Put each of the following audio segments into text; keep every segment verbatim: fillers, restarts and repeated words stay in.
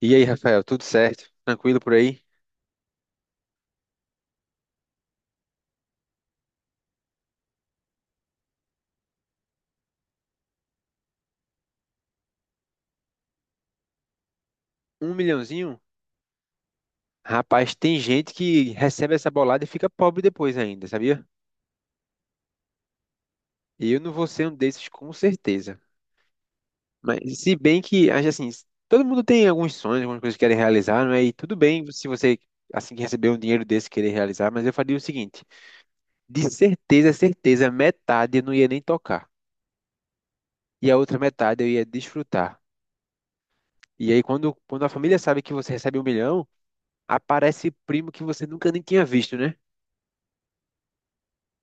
E aí, Rafael, tudo certo? Tranquilo por aí? Um milhãozinho? Rapaz, tem gente que recebe essa bolada e fica pobre depois ainda, sabia? E eu não vou ser um desses com certeza. Mas se bem que, acho assim, todo mundo tem alguns sonhos, algumas coisas que querem realizar, não é? E tudo bem se você, assim que receber um dinheiro desse, querer realizar, mas eu faria o seguinte: de certeza, certeza, metade eu não ia nem tocar. E a outra metade eu ia desfrutar. E aí, quando, quando a família sabe que você recebe um milhão, aparece primo que você nunca nem tinha visto, né?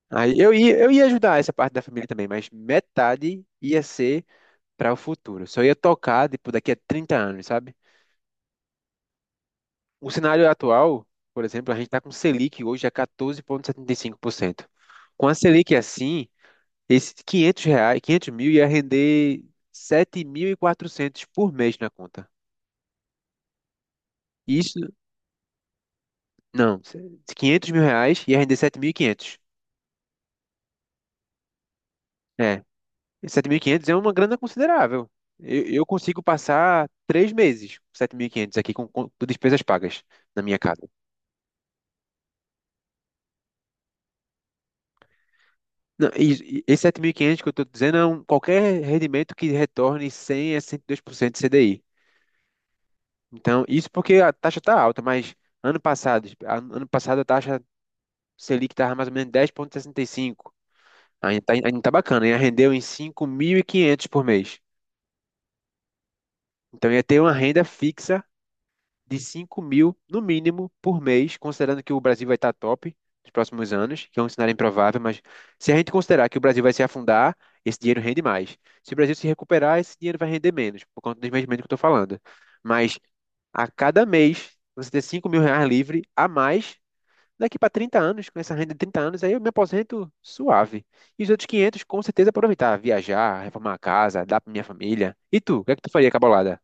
Aí eu ia, eu ia ajudar essa parte da família também, mas metade ia ser para o futuro. Só ia tocar, tipo, daqui a trinta anos, sabe? O cenário atual, por exemplo, a gente está com Selic hoje a quatorze vírgula setenta e cinco por cento. Com a Selic assim, esses quinhentos reais, quinhentos mil ia render sete mil e quatrocentos por mês na conta. Isso, não, quinhentos mil reais ia render sete mil e quinhentos. Sete mil e quinhentos é uma grana considerável. Eu, eu consigo passar três meses com sete mil e quinhentos aqui com, com despesas pagas na minha casa. Não, e, e esse sete mil e quinhentos que eu estou dizendo é um, qualquer rendimento que retorne cem a cento e dois por cento de C D I. Então, isso porque a taxa está alta, mas ano passado, ano ano passado a taxa Selic estava mais ou menos dez vírgula sessenta e cinco. Ainda está, ainda tá bacana, ia render em cinco mil e quinhentos por mês. Então, ia ter uma renda fixa de cinco mil, no mínimo, por mês, considerando que o Brasil vai estar top nos próximos anos, que é um cenário improvável, mas se a gente considerar que o Brasil vai se afundar, esse dinheiro rende mais. Se o Brasil se recuperar, esse dinheiro vai render menos, por conta do investimento que eu estou falando. Mas a cada mês, você ter cinco mil reais livre a mais, daqui para trinta anos, com essa renda de trinta anos, aí eu me aposento suave. E os outros quinhentos, com certeza, aproveitar, viajar, reformar a casa, dar para minha família. E tu, o que é que tu faria, cabolada?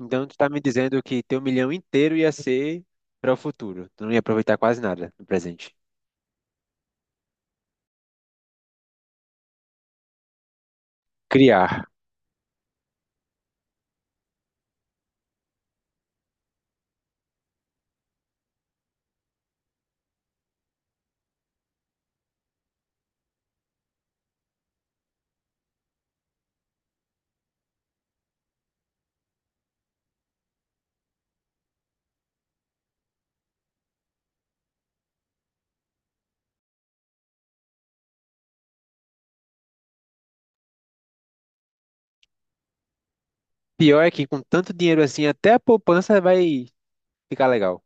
Então, tu tá me dizendo que teu milhão inteiro ia ser para o futuro. Tu não ia aproveitar quase nada no presente. Criar. Pior é que com tanto dinheiro assim, até a poupança vai ficar legal.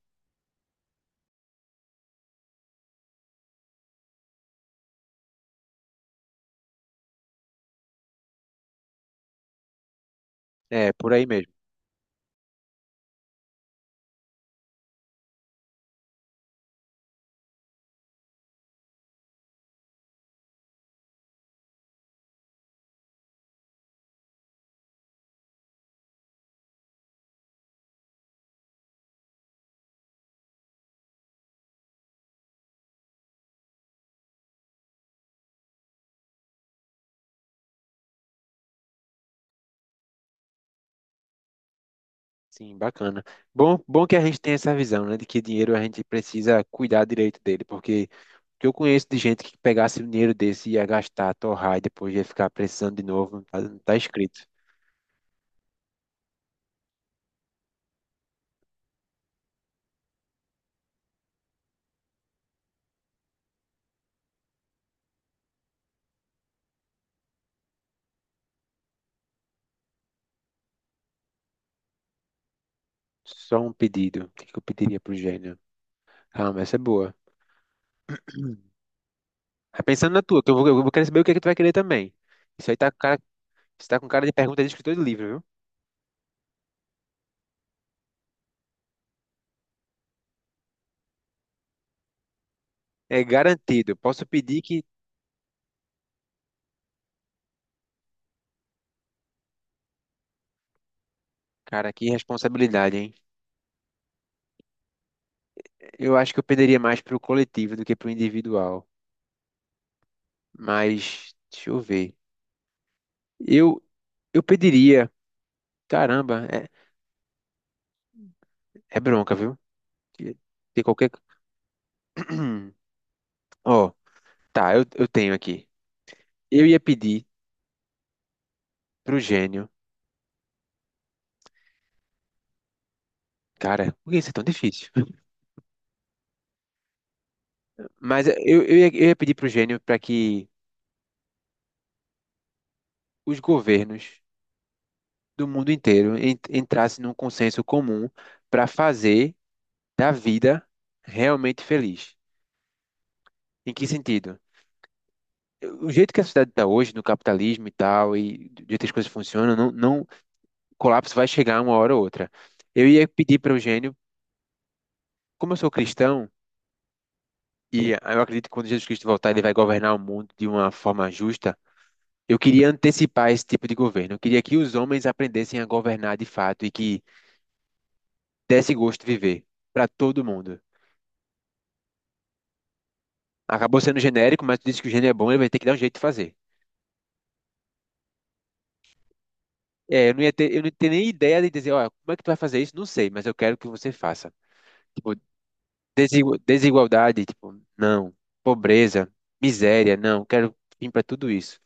É, por aí mesmo. Sim, bacana. Bom, bom que a gente tem essa visão, né, de que dinheiro a gente precisa cuidar direito dele, porque que eu conheço de gente que pegasse o dinheiro desse e ia gastar, torrar e depois ia ficar precisando de novo, não tá, não tá escrito. Só um pedido. O que que eu pediria pro gênio? Ah, mas essa é boa. Mas pensando na tua, que eu vou, eu vou querer saber o que é que tu vai querer também. Isso aí tá com cara, isso tá com cara de pergunta de escritor de livro, viu? É garantido. Posso pedir que cara, que responsabilidade, hein? Eu acho que eu perderia mais pro coletivo do que pro individual. Mas, deixa eu ver. Eu, eu pediria. Caramba, é, é bronca, viu? Tem qualquer. Ó, tá, eu, eu tenho aqui. Eu ia pedir pro gênio. Cara, por que isso é tão difícil? Mas é, eu, eu ia, eu ia pedir pro gênio para que os governos do mundo inteiro en- entrassem num consenso comum para fazer da vida realmente feliz. Em que sentido? O jeito que a sociedade está hoje, no capitalismo e tal, e do jeito que as coisas funcionam, não, não, o colapso vai chegar uma hora ou outra. Eu ia pedir para o Eugênio, como eu sou cristão, e eu acredito que quando Jesus Cristo voltar, ele vai governar o mundo de uma forma justa. Eu queria antecipar esse tipo de governo. Eu queria que os homens aprendessem a governar de fato e que desse gosto de viver para todo mundo. Acabou sendo genérico, mas tu disse que o gênio é bom, ele vai ter que dar um jeito de fazer. É, eu não ia ter, eu não ia ter nem ideia de dizer, olha, como é que tu vai fazer isso? Não sei, mas eu quero que você faça. Tipo, Desigu- desigualdade, tipo, não. Pobreza, miséria, não. Quero fim para tudo isso.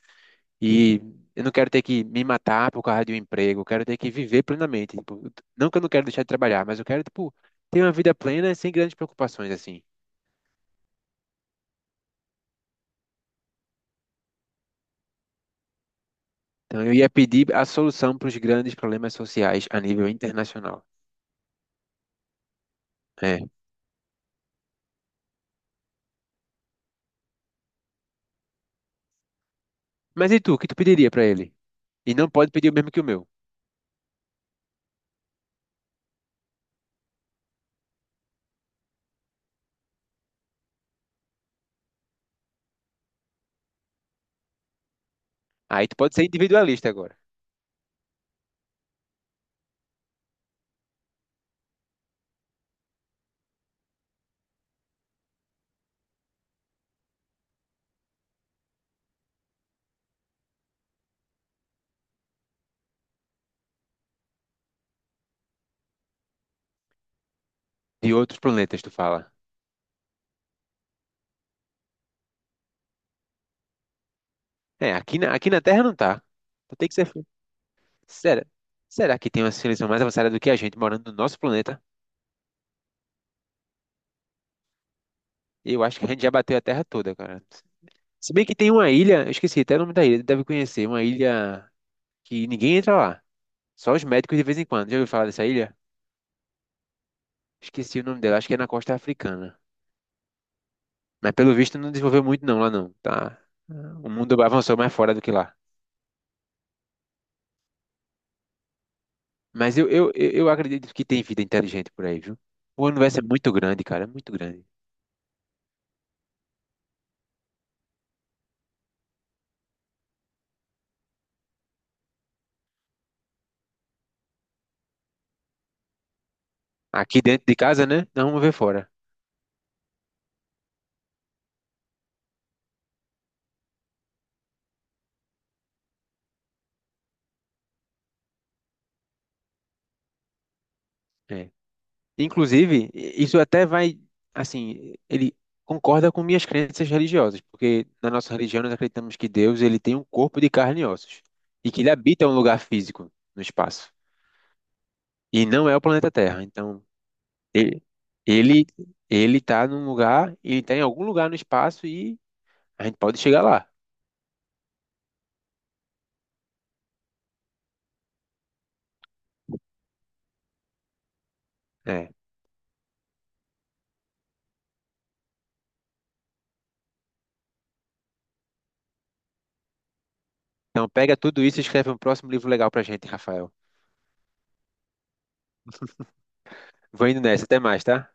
E eu não quero ter que me matar por causa de um emprego. Eu quero ter que viver plenamente. Tipo, não que eu não quero deixar de trabalhar, mas eu quero, tipo, ter uma vida plena sem grandes preocupações, assim. Então eu ia pedir a solução para os grandes problemas sociais a nível internacional. É. Mas e tu, o que tu pediria para ele? E não pode pedir o mesmo que o meu. Aí tu pode ser individualista agora. De outros planetas, tu fala. É, aqui na, aqui na Terra não tá. Tu tem que ser será? Será que tem uma civilização mais avançada do que a gente morando no nosso planeta? Eu acho que a gente já bateu a Terra toda, cara. Se bem que tem uma ilha, eu esqueci até o nome da ilha, deve conhecer, uma ilha que ninguém entra lá, só os médicos de vez em quando. Já ouviu falar dessa ilha? Esqueci o nome dela, acho que é na costa africana. Mas pelo visto não desenvolveu muito não lá não, tá? O mundo avançou mais fora do que lá. Mas eu, eu, eu eu acredito que tem vida inteligente por aí, viu? O universo é muito grande, cara, é muito grande. Aqui dentro de casa, né? Não vamos ver fora. É. Inclusive, isso até vai, assim, ele concorda com minhas crenças religiosas, porque na nossa religião nós acreditamos que Deus, ele tem um corpo de carne e ossos, e que ele habita um lugar físico no espaço, e não é o planeta Terra. Então, ele ele ele tá num lugar, ele tá em algum lugar no espaço e a gente pode chegar lá, né? Então, pega tudo isso e escreve um próximo livro legal pra gente, Rafael. Vou indo nessa, até mais, tá?